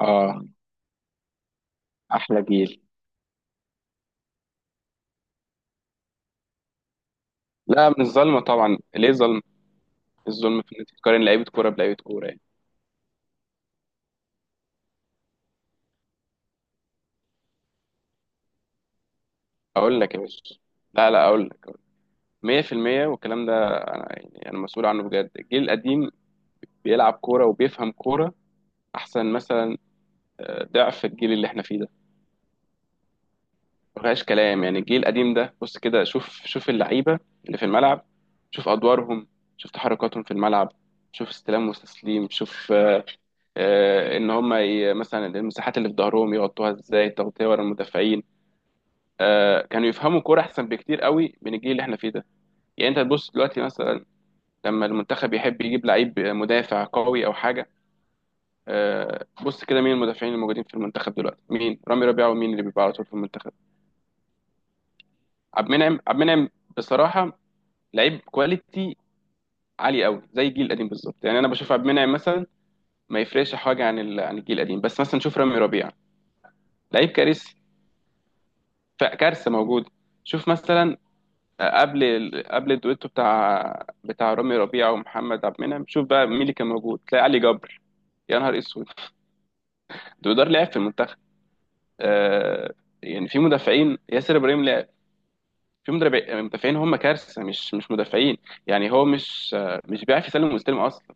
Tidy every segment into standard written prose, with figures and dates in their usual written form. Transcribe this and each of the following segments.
اه، احلى جيل. لا من الظلمه طبعا، ليه ظلم؟ الظلم في ان انت تقارن لعيبه كوره بلعيبه كوره يعني. اقول لك يا باشا، لا اقول لك 100%. والكلام ده انا يعني انا مسؤول عنه بجد. الجيل القديم بيلعب كوره وبيفهم كوره احسن مثلا. ضعف الجيل اللي احنا فيه ده ما فيهاش كلام. يعني الجيل القديم ده، بص كده، شوف اللعيبه اللي في الملعب، شوف ادوارهم، شوف تحركاتهم في الملعب، شوف استلام وتسليم، شوف ان هم مثلا المساحات اللي في ظهرهم يغطوها ازاي، تغطيه ورا المدافعين. كانوا يفهموا كوره احسن بكتير قوي من الجيل اللي احنا فيه ده. يعني انت تبص دلوقتي مثلا، لما المنتخب يحب يجيب لعيب مدافع قوي او حاجه، بص كده مين المدافعين الموجودين في المنتخب دلوقتي؟ مين؟ رامي ربيعه. ومين اللي بيبقى على طول في المنتخب؟ عبد المنعم. بصراحه لعيب كواليتي عالي قوي زي الجيل القديم بالظبط. يعني انا بشوف عبد المنعم مثلا ما يفرقش حاجه عن عن الجيل القديم، بس مثلا شوف رامي ربيعه، لعيب كارثي. فكارثه موجوده. شوف مثلا قبل قبل الدويتو بتاع رامي ربيعه ومحمد عبد المنعم، شوف بقى مين اللي كان موجود. تلاقي علي جبر، يا نهار اسود. دودار لعب في المنتخب، آه. يعني في مدافعين، ياسر ابراهيم لعب. في مدافعين هم كارثه، مش مدافعين. يعني هو مش مش بيعرف يسلم ويستلم اصلا.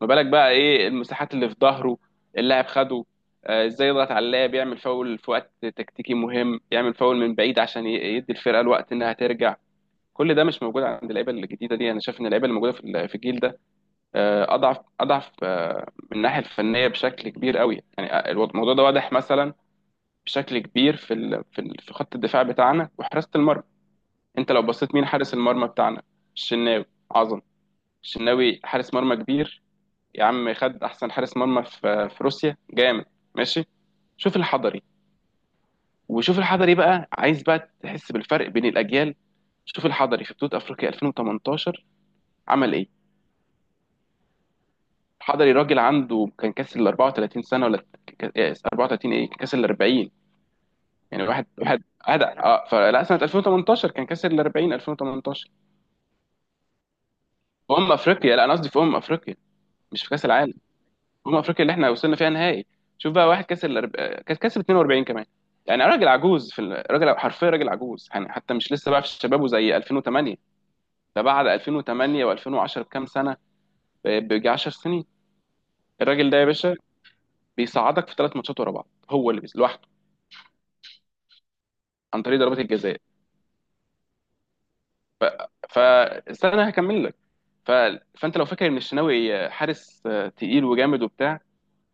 ما بالك بقى ايه المساحات اللي في ظهره، اللاعب خده ازاي، يضغط على اللاعب، يعمل فاول في وقت تكتيكي مهم، يعمل فاول من بعيد عشان يدي الفرقه الوقت انها ترجع. كل ده مش موجود عند اللعيبه الجديده دي. انا شايف ان اللعيبه اللي موجوده في في الجيل ده اضعف من الناحيه الفنيه بشكل كبير قوي. يعني الموضوع ده واضح مثلا بشكل كبير في في خط الدفاع بتاعنا وحراسه المرمى. انت لو بصيت مين حارس المرمى بتاعنا؟ الشناوي، عظم. الشناوي حارس مرمى كبير. يا عم خد احسن حارس مرمى في في روسيا، جامد، ماشي. شوف الحضري، وشوف الحضري بقى، عايز بقى تحس بالفرق بين الاجيال. شوف الحضري في بطوله افريقيا 2018 عمل ايه. حضري راجل عنده، كان كاسر ال 34 سنه ولا إيه، 34 ايه، كان كاسر ال 40. يعني واحد واحد هذا اه فلا، سنه 2018 كان كاسر ال 40، 2018. في افريقيا، لا انا قصدي في افريقيا، مش في كاس العالم. في افريقيا اللي احنا وصلنا فيها نهائي. شوف بقى واحد كاسر كان كاسر 42 كمان. يعني راجل عجوز في راجل حرفيا راجل عجوز. يعني حتى مش لسه بقى في شبابه زي 2008. ده بعد 2008 و2010 بكام سنه؟ بيجي 10 سنين. الراجل ده يا باشا بيصعدك في ثلاث ماتشات ورا بعض، هو اللي لوحده عن طريق ضربات الجزاء. ف... فاستنى هكمل لك. ف... فانت لو فاكر ان الشناوي حارس تقيل وجامد وبتاع،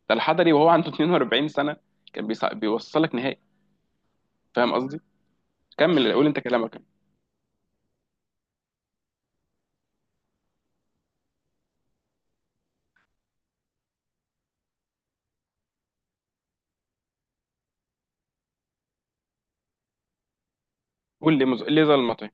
ده الحضري وهو عنده 42 سنه كان بيوصلك نهائي. فاهم قصدي؟ كمل، قول انت كلامك. قول لي ليه ظل المطعم؟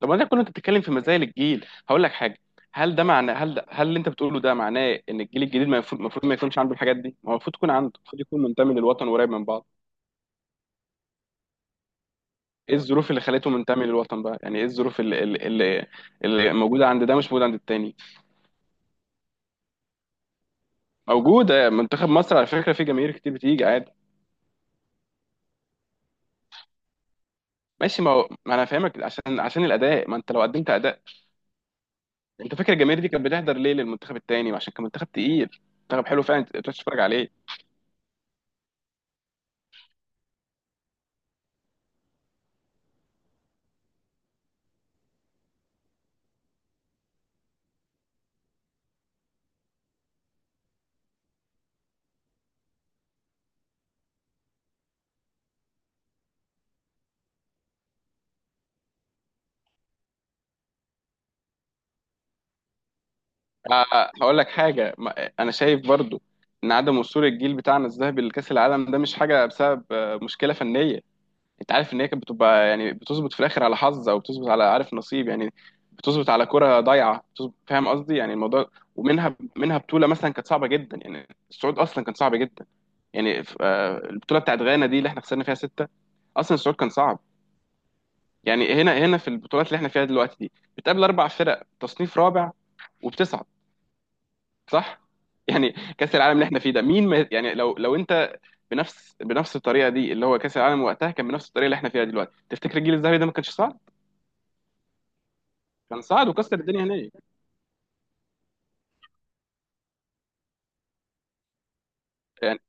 طب ما ده كله انت بتتكلم في مزايا الجيل. هقول لك حاجه، هل ده معناه، هل اللي انت بتقوله ده معناه ان الجيل الجديد ما المفروض ما يكونش عنده الحاجات دي؟ ما هو المفروض يكون عنده، المفروض يكون منتمي للوطن وقريب من بعض. ايه الظروف اللي خلته منتمي للوطن بقى؟ يعني ايه الظروف اللي اللي موجوده عند ده مش موجوده عند التاني؟ موجودة منتخب مصر على فكرة، في جماهير كتير بتيجي عادي. ماشي، ما هو ما انا فاهمك، عشان عشان الاداء، ما انت لو قدمت اداء. انت فاكر الجماهير دي كانت بتحضر ليه للمنتخب التاني؟ عشان كان منتخب تقيل، منتخب حلو فعلا تقدر تتفرج عليه. هقول لك حاجة، انا شايف برضو ان عدم وصول الجيل بتاعنا الذهبي لكأس العالم ده مش حاجة بسبب مشكلة فنية. انت عارف ان هي كانت بتبقى يعني بتظبط في الاخر على حظ، او بتظبط على، عارف، نصيب يعني، بتظبط على كرة ضايعه بتظبط، فاهم قصدي؟ يعني الموضوع، ومنها، منها بطوله مثلا كانت صعبه جدا، يعني الصعود اصلا كان صعب جدا. يعني البطوله بتاعت غانا دي اللي احنا خسرنا فيها سته، اصلا الصعود كان صعب. يعني هنا هنا في البطولات اللي احنا فيها دلوقتي دي، بتقابل اربع فرق تصنيف رابع وبتصعد، صح يعني. كاس العالم اللي احنا فيه ده، مين ما يعني، لو لو انت بنفس بنفس الطريقه دي، اللي هو كاس العالم وقتها كان بنفس الطريقه اللي احنا فيها دلوقتي، تفتكر الجيل الذهبي ده ما كانش صعب؟ كان صعد وكسر الدنيا هناك يعني.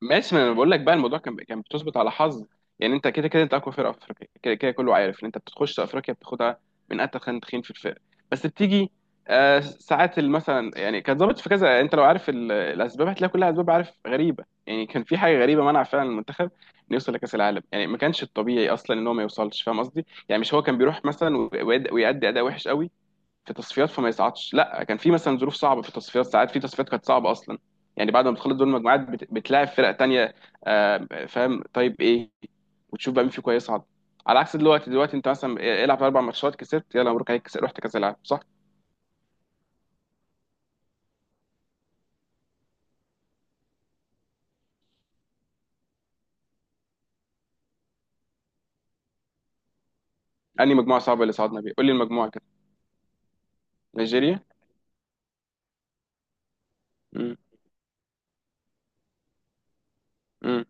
ماشي، ما انا بقول لك بقى، الموضوع كان كان بتظبط على حظ. يعني انت كده كده انت اقوى فرقه في افريقيا، كده كده كله عارف ان انت بتخش افريقيا بتاخدها من اتخن تخين في الفرق. بس بتيجي آه ساعات مثلا، يعني كان ظابط في كذا. انت لو عارف الاسباب هتلاقي كلها اسباب، عارف، غريبه يعني. كان في حاجه غريبه منع فعلا المنتخب انه يوصل لكاس العالم. يعني ما كانش الطبيعي اصلا ان هو ما يوصلش، فاهم قصدي؟ يعني مش هو كان بيروح مثلا ويأدي اداء وحش قوي في تصفيات فما يصعدش، لا كان في مثلا ظروف صعبه في التصفيات. ساعات في تصفيات كانت صعبه اصلا، يعني بعد ما بتخلص دور المجموعات بتلاعب فرق تانية فاهم؟ طيب ايه، وتشوف بقى مين فيكم هيصعد. على عكس دلوقتي، دلوقتي انت مثلا العب اربع ماتشات كسبت، يلا مبروك عليك، رحت كاس العالم. صح؟ انهي مجموعه صعبه اللي صعدنا بيها؟ قول لي المجموعه كده. نيجيريا؟ امم. امم.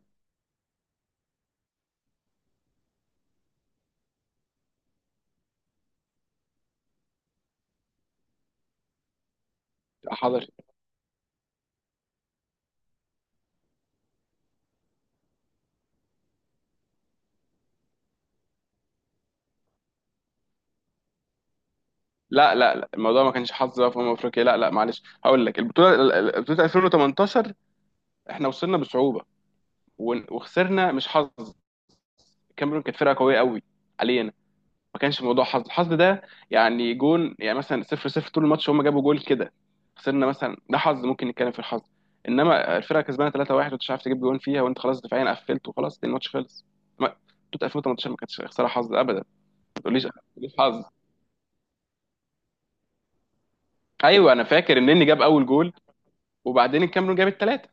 حضر. لا الموضوع ما كانش حظ بقى في افريقيا، لا لا، معلش هقول لك، البطوله بطوله 2018، احنا وصلنا بصعوبه وخسرنا، مش حظ، الكاميرون كانت فرقه قويه قوي حاليا، ما كانش موضوع حظ. الحظ ده يعني جون يعني مثلا، صفر صفر طول الماتش، هم جابوا جول كده خسرنا مثلا، ده حظ، ممكن نتكلم في الحظ. انما الفرقه كسبانه 3-1 وانت مش عارف تجيب جون فيها، وانت خلاص دفاعيا قفلت، وخلاص الماتش خلص، ما بطوله 2018 ما كانتش خساره حظ ابدا. ما تقوليش حظ. ايوه انا فاكر، النني جاب اول جول وبعدين الكاميرون جاب الثلاثه.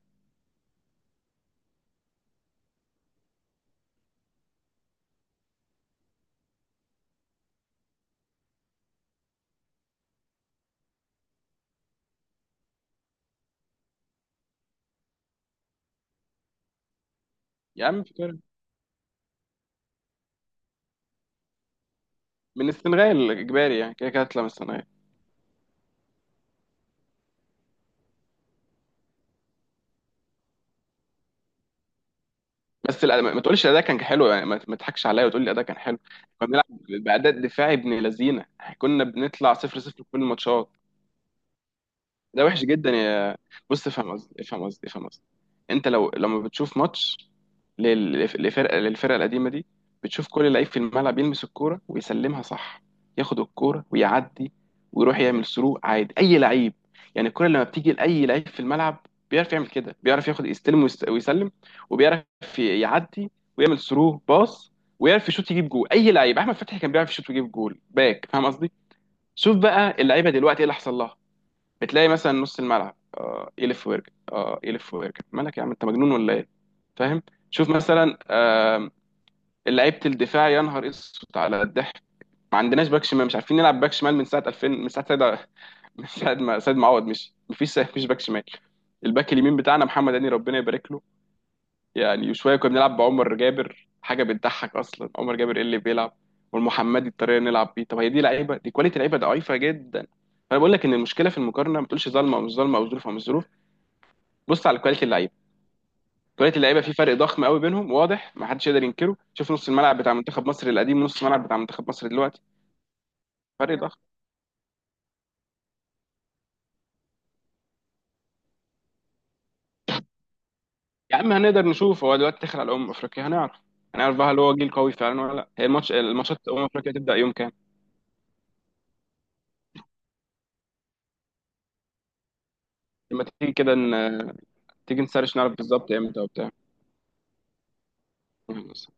يا عم فاكر، من السنغال اجباري يعني، كده كده هتطلع من السنغال. بس الأداء ما تقولش الاداء كان حلو يعني، ما ما تضحكش عليا وتقول لي الاداء كان حلو. كنا بنلعب باداء دفاعي ابن لذينه، كنا بنطلع 0 0 في كل الماتشات، ده وحش جدا يا. بص افهم قصدي افهم قصدي. انت لو لما بتشوف ماتش للفرقه القديمه دي، بتشوف كل لعيب في الملعب يلمس الكوره ويسلمها صح، ياخد الكوره ويعدي، ويروح يعمل سرو عادي، اي لعيب. يعني الكوره لما بتيجي لاي لعيب في الملعب بيعرف يعمل كده، بيعرف ياخد، يستلم ويسلم، وبيعرف يعدي، ويعمل سرو باص، ويعرف يشوط يجيب جول، اي لعيب. احمد فتحي كان بيعرف يشوط ويجيب جول، باك. فاهم قصدي؟ شوف بقى اللعيبه دلوقتي ايه اللي حصل لها. بتلاقي مثلا نص الملعب يلف ويرجع، يلف ويرجع. مالك يا عم، انت مجنون ولا ايه؟ فاهم؟ شوف مثلا لعيبه الدفاع، يا نهار اسود على الضحك. ما عندناش باك شمال، مش عارفين نلعب باك شمال من ساعه 2000، من ساعه سيد من ساعه ما سيد معوض مشي، مفيش باك شمال. الباك اليمين بتاعنا محمد هاني، ربنا يبارك له يعني. وشويه كنا بنلعب بعمر جابر، حاجه بتضحك اصلا، عمر جابر ايه اللي بيلعب، والمحمدي الطريقه اللي نلعب بيه. طب هي دي لعيبه؟ دي كواليتي لعيبه ضعيفه جدا. فانا بقول لك ان المشكله في المقارنه، ما تقولش ظالمه او مش ظالمه، او ظروف او مش ظروف، بص على كواليتي اللعيبه. كواليتي اللعيبه في فرق ضخم قوي بينهم واضح، ما حدش يقدر ينكره. شوف نص الملعب بتاع منتخب مصر القديم، ونص الملعب بتاع منتخب مصر دلوقتي، فرق ضخم. يا عم هنقدر نشوف، هو دلوقتي داخل على افريقيا، هنعرف. هنعرف بقى هل هو جيل قوي فعلا ولا لا. هي الماتش، الماتشات افريقيا تبدا يوم كام؟ لما تيجي كده تيجي نسرش نعرف بالظبط امتى وبتاع. الصين.